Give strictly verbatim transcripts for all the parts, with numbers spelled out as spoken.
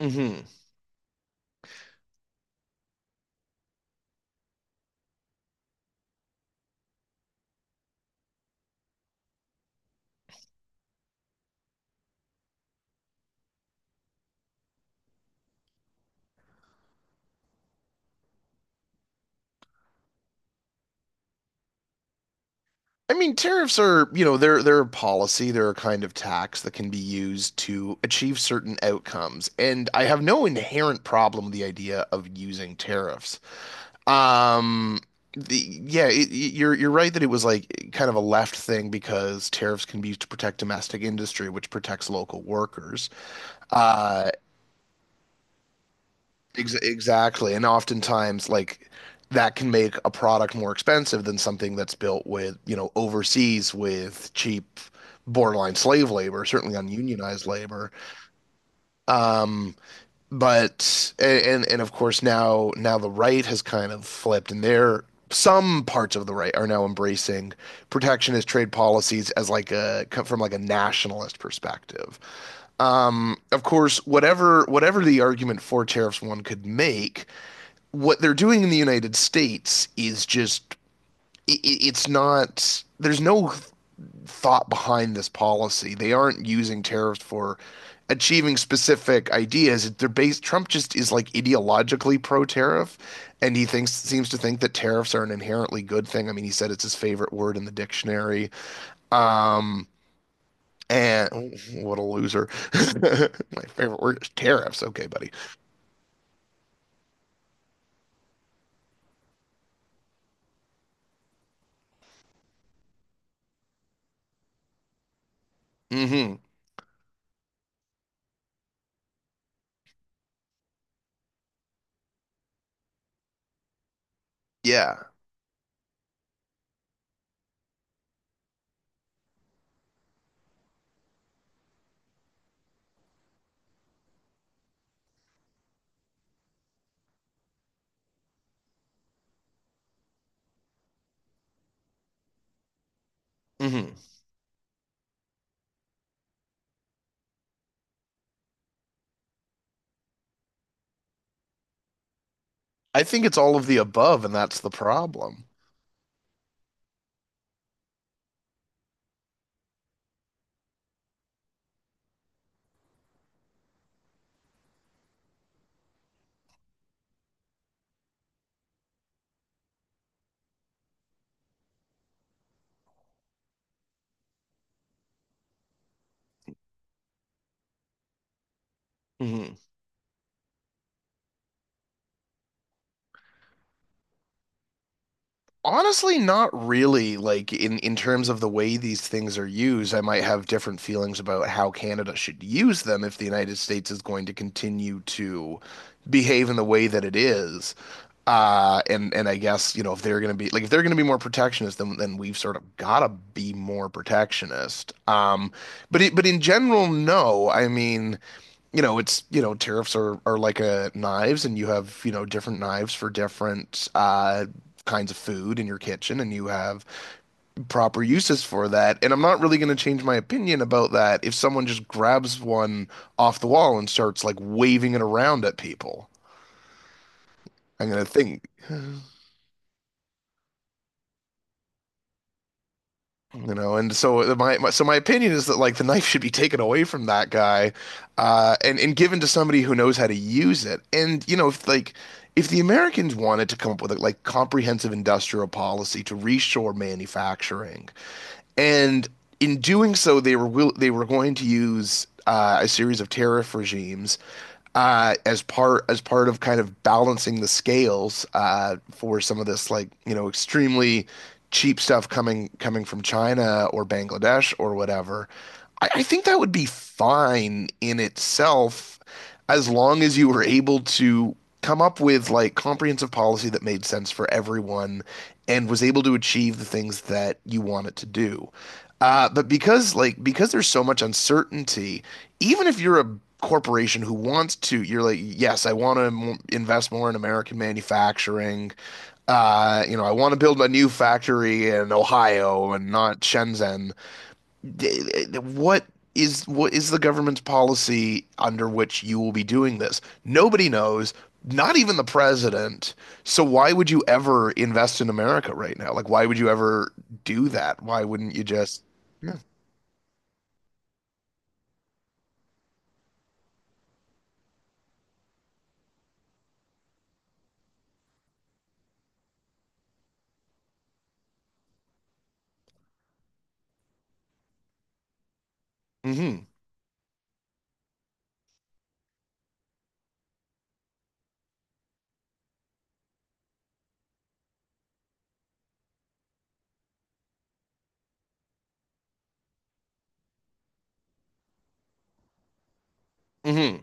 hmm I mean, tariffs are, you know, they're they're a policy, they're a kind of tax that can be used to achieve certain outcomes. And I have no inherent problem with the idea of using tariffs. Um, the yeah, it, it- you're you're right that it was like kind of a left thing because tariffs can be used to protect domestic industry, which protects local workers. Uh, Ex- exactly. And oftentimes, like that can make a product more expensive than something that's built with, you know, overseas with cheap, borderline slave labor, certainly ununionized labor. Um, but and and of course, now now the right has kind of flipped, and they're some parts of the right are now embracing protectionist trade policies as like a from like a nationalist perspective. Of course, whatever whatever the argument for tariffs one could make, what they're doing in the United States is just it, it's not there's no thought behind this policy. They aren't using tariffs for achieving specific ideas. They're based Trump just is like ideologically pro tariff and he thinks seems to think that tariffs are an inherently good thing. I mean, he said it's his favorite word in the dictionary. Um and Oh, what a loser. My favorite word is tariffs. Okay, buddy. Mhm. Yeah. Mhm. I think it's all of the above, and that's the problem. hmm Honestly, not really. Like in in terms of the way these things are used, I might have different feelings about how Canada should use them if the United States is going to continue to behave in the way that it is. Uh, and and I guess, you know, if they're going to be like if they're going to be more protectionist, then then we've sort of got to be more protectionist. Um, but it, but in general, no. I mean, you know, it's, you know, tariffs are are like uh knives and you have, you know, different knives for different uh kinds of food in your kitchen and you have proper uses for that. And I'm not really going to change my opinion about that if someone just grabs one off the wall and starts like waving it around at people. I'm going to think. You know, and so my, my so my opinion is that like the knife should be taken away from that guy, uh, and and given to somebody who knows how to use it. And you know, if like if the Americans wanted to come up with a like comprehensive industrial policy to reshore manufacturing, and in doing so, they were will they were going to use uh, a series of tariff regimes uh, as part as part of kind of balancing the scales uh, for some of this like you know extremely cheap stuff coming coming from China or Bangladesh or whatever. I, I think that would be fine in itself as long as you were able to come up with like comprehensive policy that made sense for everyone and was able to achieve the things that you want it to do. Uh, but because like because there's so much uncertainty, even if you're a corporation who wants to, you're like, yes, I want to m- invest more in American manufacturing. Uh, you know, I want to build a new factory in Ohio and not Shenzhen d- what is what is the government's policy under which you will be doing this? Nobody knows, not even the president. So why would you ever invest in America right now? Like, why would you ever do that? Why wouldn't you just? Yeah. hmm hmm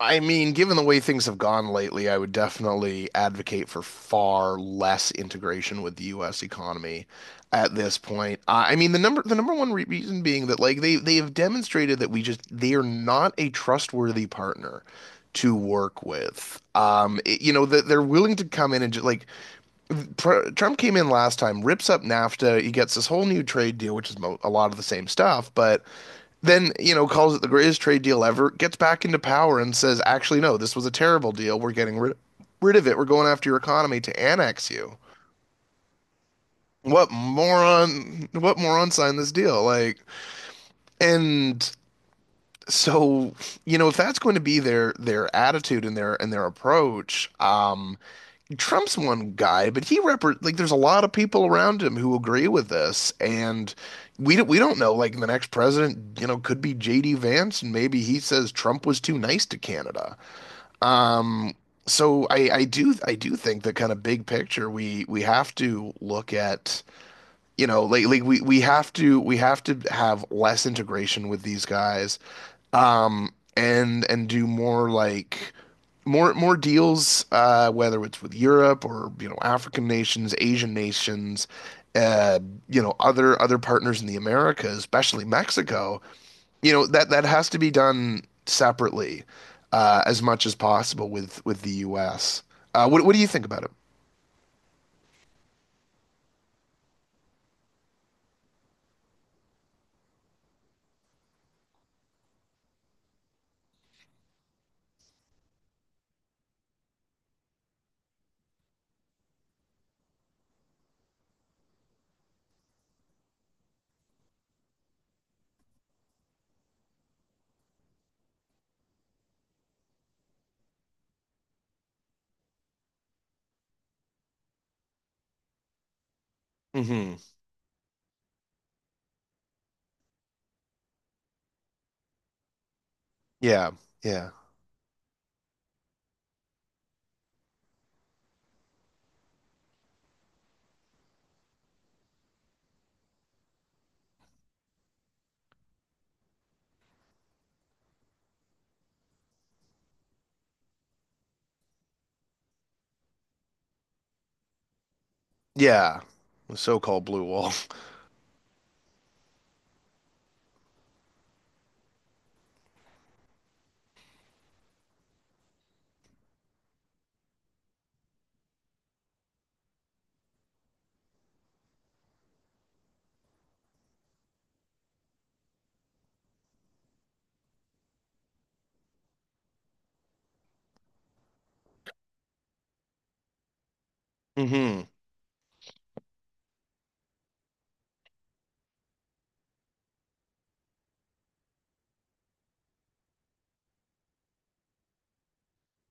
I mean, given the way things have gone lately, I would definitely advocate for far less integration with the U S economy at this point. I I mean, the number the number one re reason being that like they they have demonstrated that we just they are not a trustworthy partner to work with. Um, it- you know, that they're willing to come in and just like pr Trump came in last time, rips up NAFTA, he gets this whole new trade deal, which is mo a lot of the same stuff, but then you know calls it the greatest trade deal ever, gets back into power and says actually no, this was a terrible deal, we're getting rid rid of it, we're going after your economy to annex you. What moron, what moron signed this deal, like, and so you know if that's going to be their their attitude and their and their approach. um Trump's one guy, but he repre like there's a lot of people around him who agree with this, and we don't we don't know. Like the next president, you know, could be J D Vance, and maybe he says Trump was too nice to Canada. So I I do I do think that kind of big picture we we have to look at, you know, like like we we have to we have to have less integration with these guys, um, and and do more like more more deals, uh, whether it's with Europe or you know African nations, Asian nations, uh, you know other other partners in the Americas, especially Mexico. You know that that has to be done separately, uh, as much as possible with with the U S. Uh, what what do you think about it? hmm Yeah, yeah, yeah. The so-called blue wall. hmm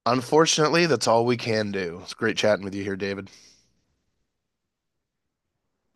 Unfortunately, that's all we can do. It's great chatting with you here, David.